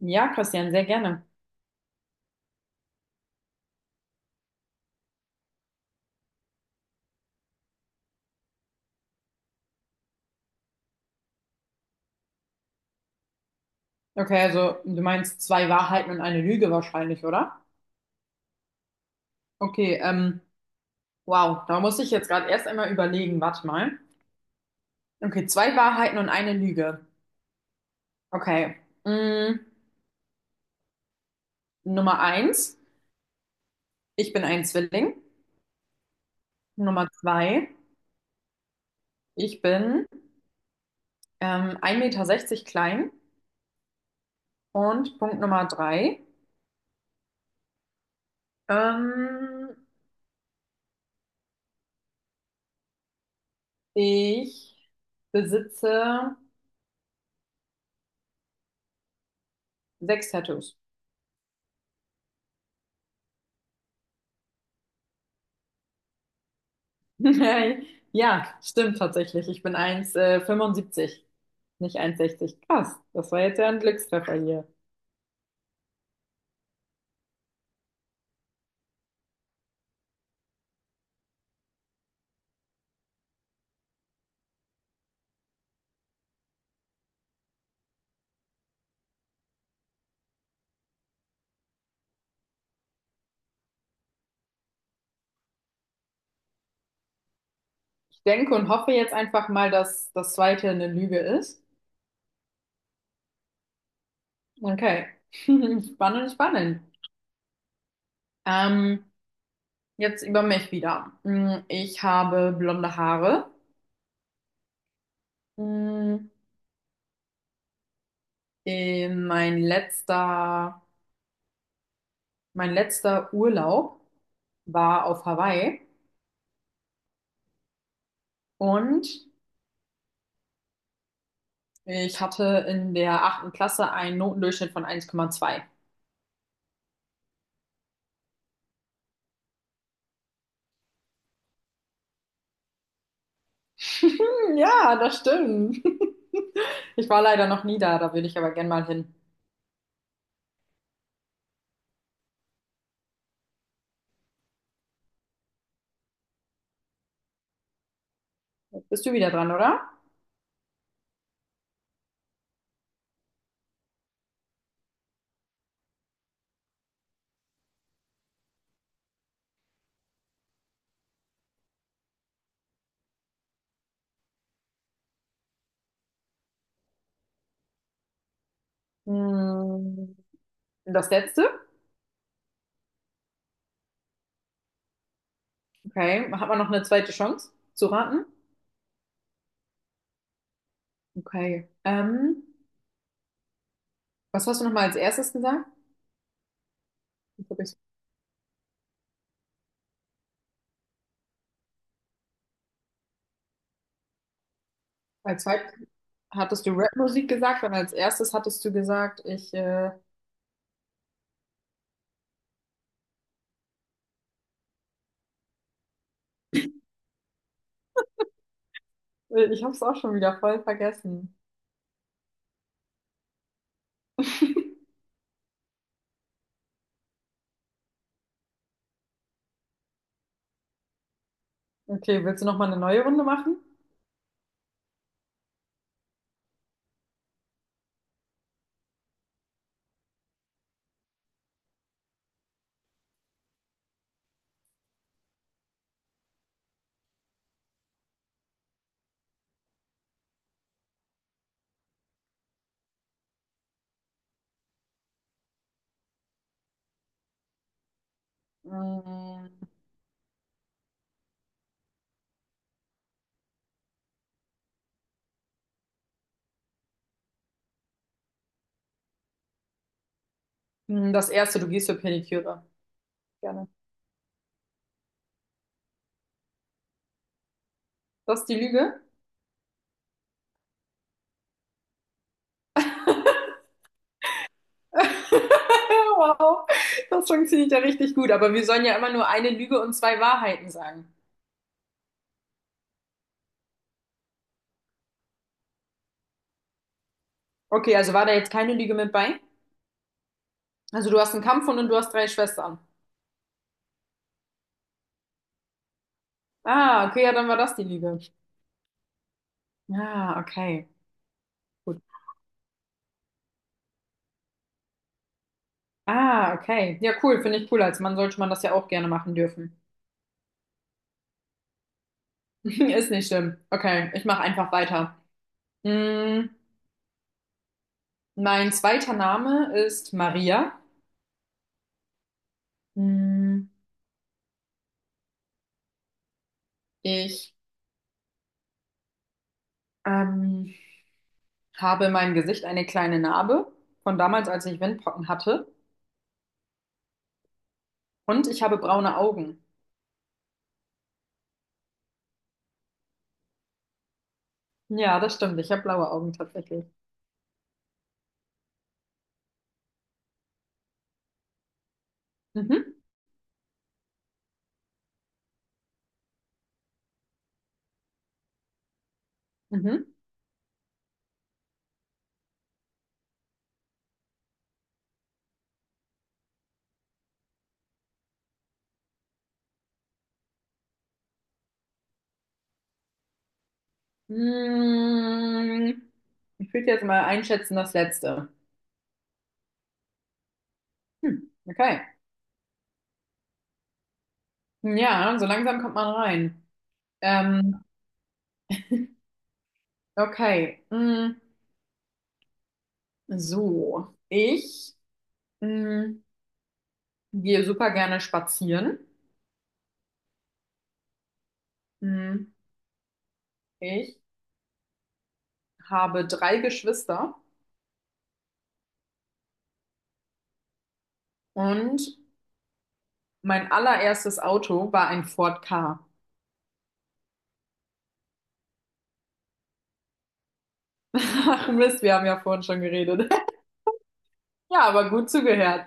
Ja, Christian, sehr gerne. Okay, also du meinst zwei Wahrheiten und eine Lüge wahrscheinlich, oder? Okay, wow, da muss ich jetzt gerade erst einmal überlegen, warte mal. Okay, zwei Wahrheiten und eine Lüge. Okay. Mm, Nummer eins, ich bin ein Zwilling. Nummer zwei, ich bin 1,60 Meter klein. Und Punkt Nummer drei, ähm, ich besitze sechs Tattoos. Ja, stimmt tatsächlich. Ich bin 1,75, nicht 1,60. Krass, das war jetzt ja ein Glückstreffer hier. Ich denke und hoffe jetzt einfach mal, dass das zweite eine Lüge ist. Okay, spannend, spannend. Ähm, jetzt über mich wieder. Ich habe blonde Haare. Hm, äh, Mein letzter, mein letzter Urlaub war auf Hawaii und ich hatte in der achten Klasse einen Notendurchschnitt von 1,2. Ja, das stimmt. Ich war leider noch nie da, da würde ich aber gern mal hin. Jetzt bist du wieder dran, oder? Hm, Das letzte. Okay. Hat man noch eine zweite Chance zu raten? Okay. Was hast du nochmal als erstes gesagt? Jetzt hab ich's- Als zweites hattest du Rap-Musik gesagt und als erstes hattest du gesagt, ich habe es auch schon wieder voll vergessen. Okay, willst du nochmal eine neue Runde machen? Hm. Das erste, du gehst für Pediküre. Gerne. Das ist die Lüge? Wow, das funktioniert ja richtig gut. Aber wir sollen ja immer nur eine Lüge und zwei Wahrheiten sagen. Okay, also war da jetzt keine Lüge mit bei? Also du hast einen Kampfhund und du hast drei Schwestern. Ah, okay, ja, dann war das die Lüge. Ah, okay. Gut. Ah, okay. Ja, cool, finde ich cool. Als Mann sollte man das ja auch gerne machen dürfen. Ist nicht schlimm. Okay, ich mache einfach weiter. Hm, Mein zweiter Name ist Maria. Hm, ich Ähm, habe in meinem Gesicht eine kleine Narbe von damals, als ich Windpocken hatte. Und ich habe braune Augen. Ja, das stimmt. Ich habe blaue Augen tatsächlich. Mhm, mhm. Mm, Ich würde jetzt mal einschätzen, das letzte. Hm, okay. Ja, so langsam kommt man rein. Ähm, okay. So, ich mm, gehe super gerne spazieren. Mm, Ich habe drei Geschwister und mein allererstes Auto war ein Ford Ka. Ach Mist, wir haben ja vorhin schon geredet. Ja, aber gut zugehört.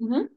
Mhm.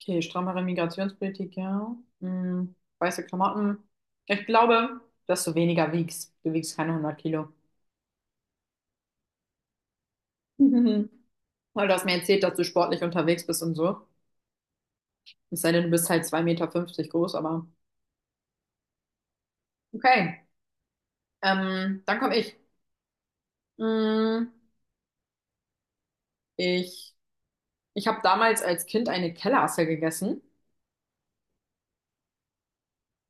Okay, strammere Migrationspolitik, ja. Weiße Klamotten. Ich glaube, dass du weniger wiegst. Du wiegst keine 100 Kilo. Mhm. Weil du hast mir erzählt, dass du sportlich unterwegs bist und so. Es sei denn, du bist halt 2,50 m groß, aber okay. Dann komme ich. Hm, ich ich habe damals als Kind eine Kellerasse gegessen.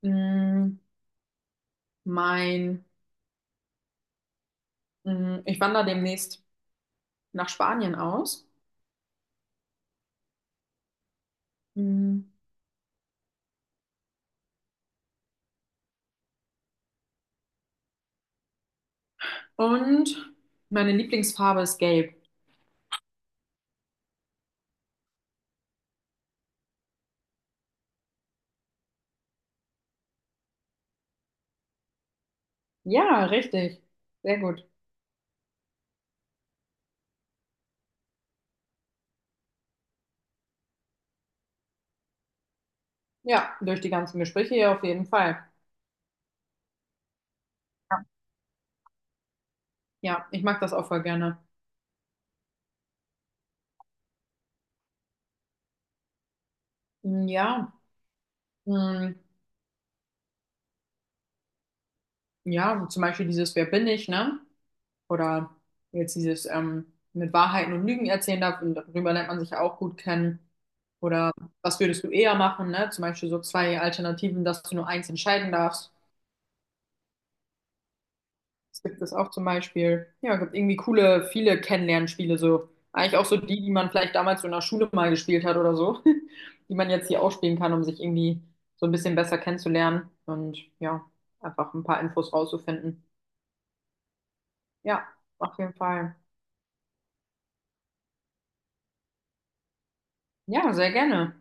Hm, mein Ich wandere demnächst nach Spanien aus. Mm, Und meine Lieblingsfarbe ist gelb. Ja, richtig. Sehr gut. Ja, durch die ganzen Gespräche hier auf jeden Fall. Ja, ich mag das auch voll gerne. Mm, ja, mm, ja, zum Beispiel dieses Wer bin ich, ne? Oder jetzt dieses mit Wahrheiten und Lügen erzählen darf und darüber lernt man sich ja auch gut kennen. Oder was würdest du eher machen, ne? Zum Beispiel so zwei Alternativen, dass du nur eins entscheiden darfst. Es gibt es auch zum Beispiel, ja, gibt irgendwie coole, viele Kennenlernspiele so. Eigentlich auch so die, die man vielleicht damals so in der Schule mal gespielt hat oder so, die man jetzt hier auch spielen kann, um sich irgendwie so ein bisschen besser kennenzulernen und ja, einfach ein paar Infos rauszufinden. Ja, auf jeden Fall. Ja, sehr gerne.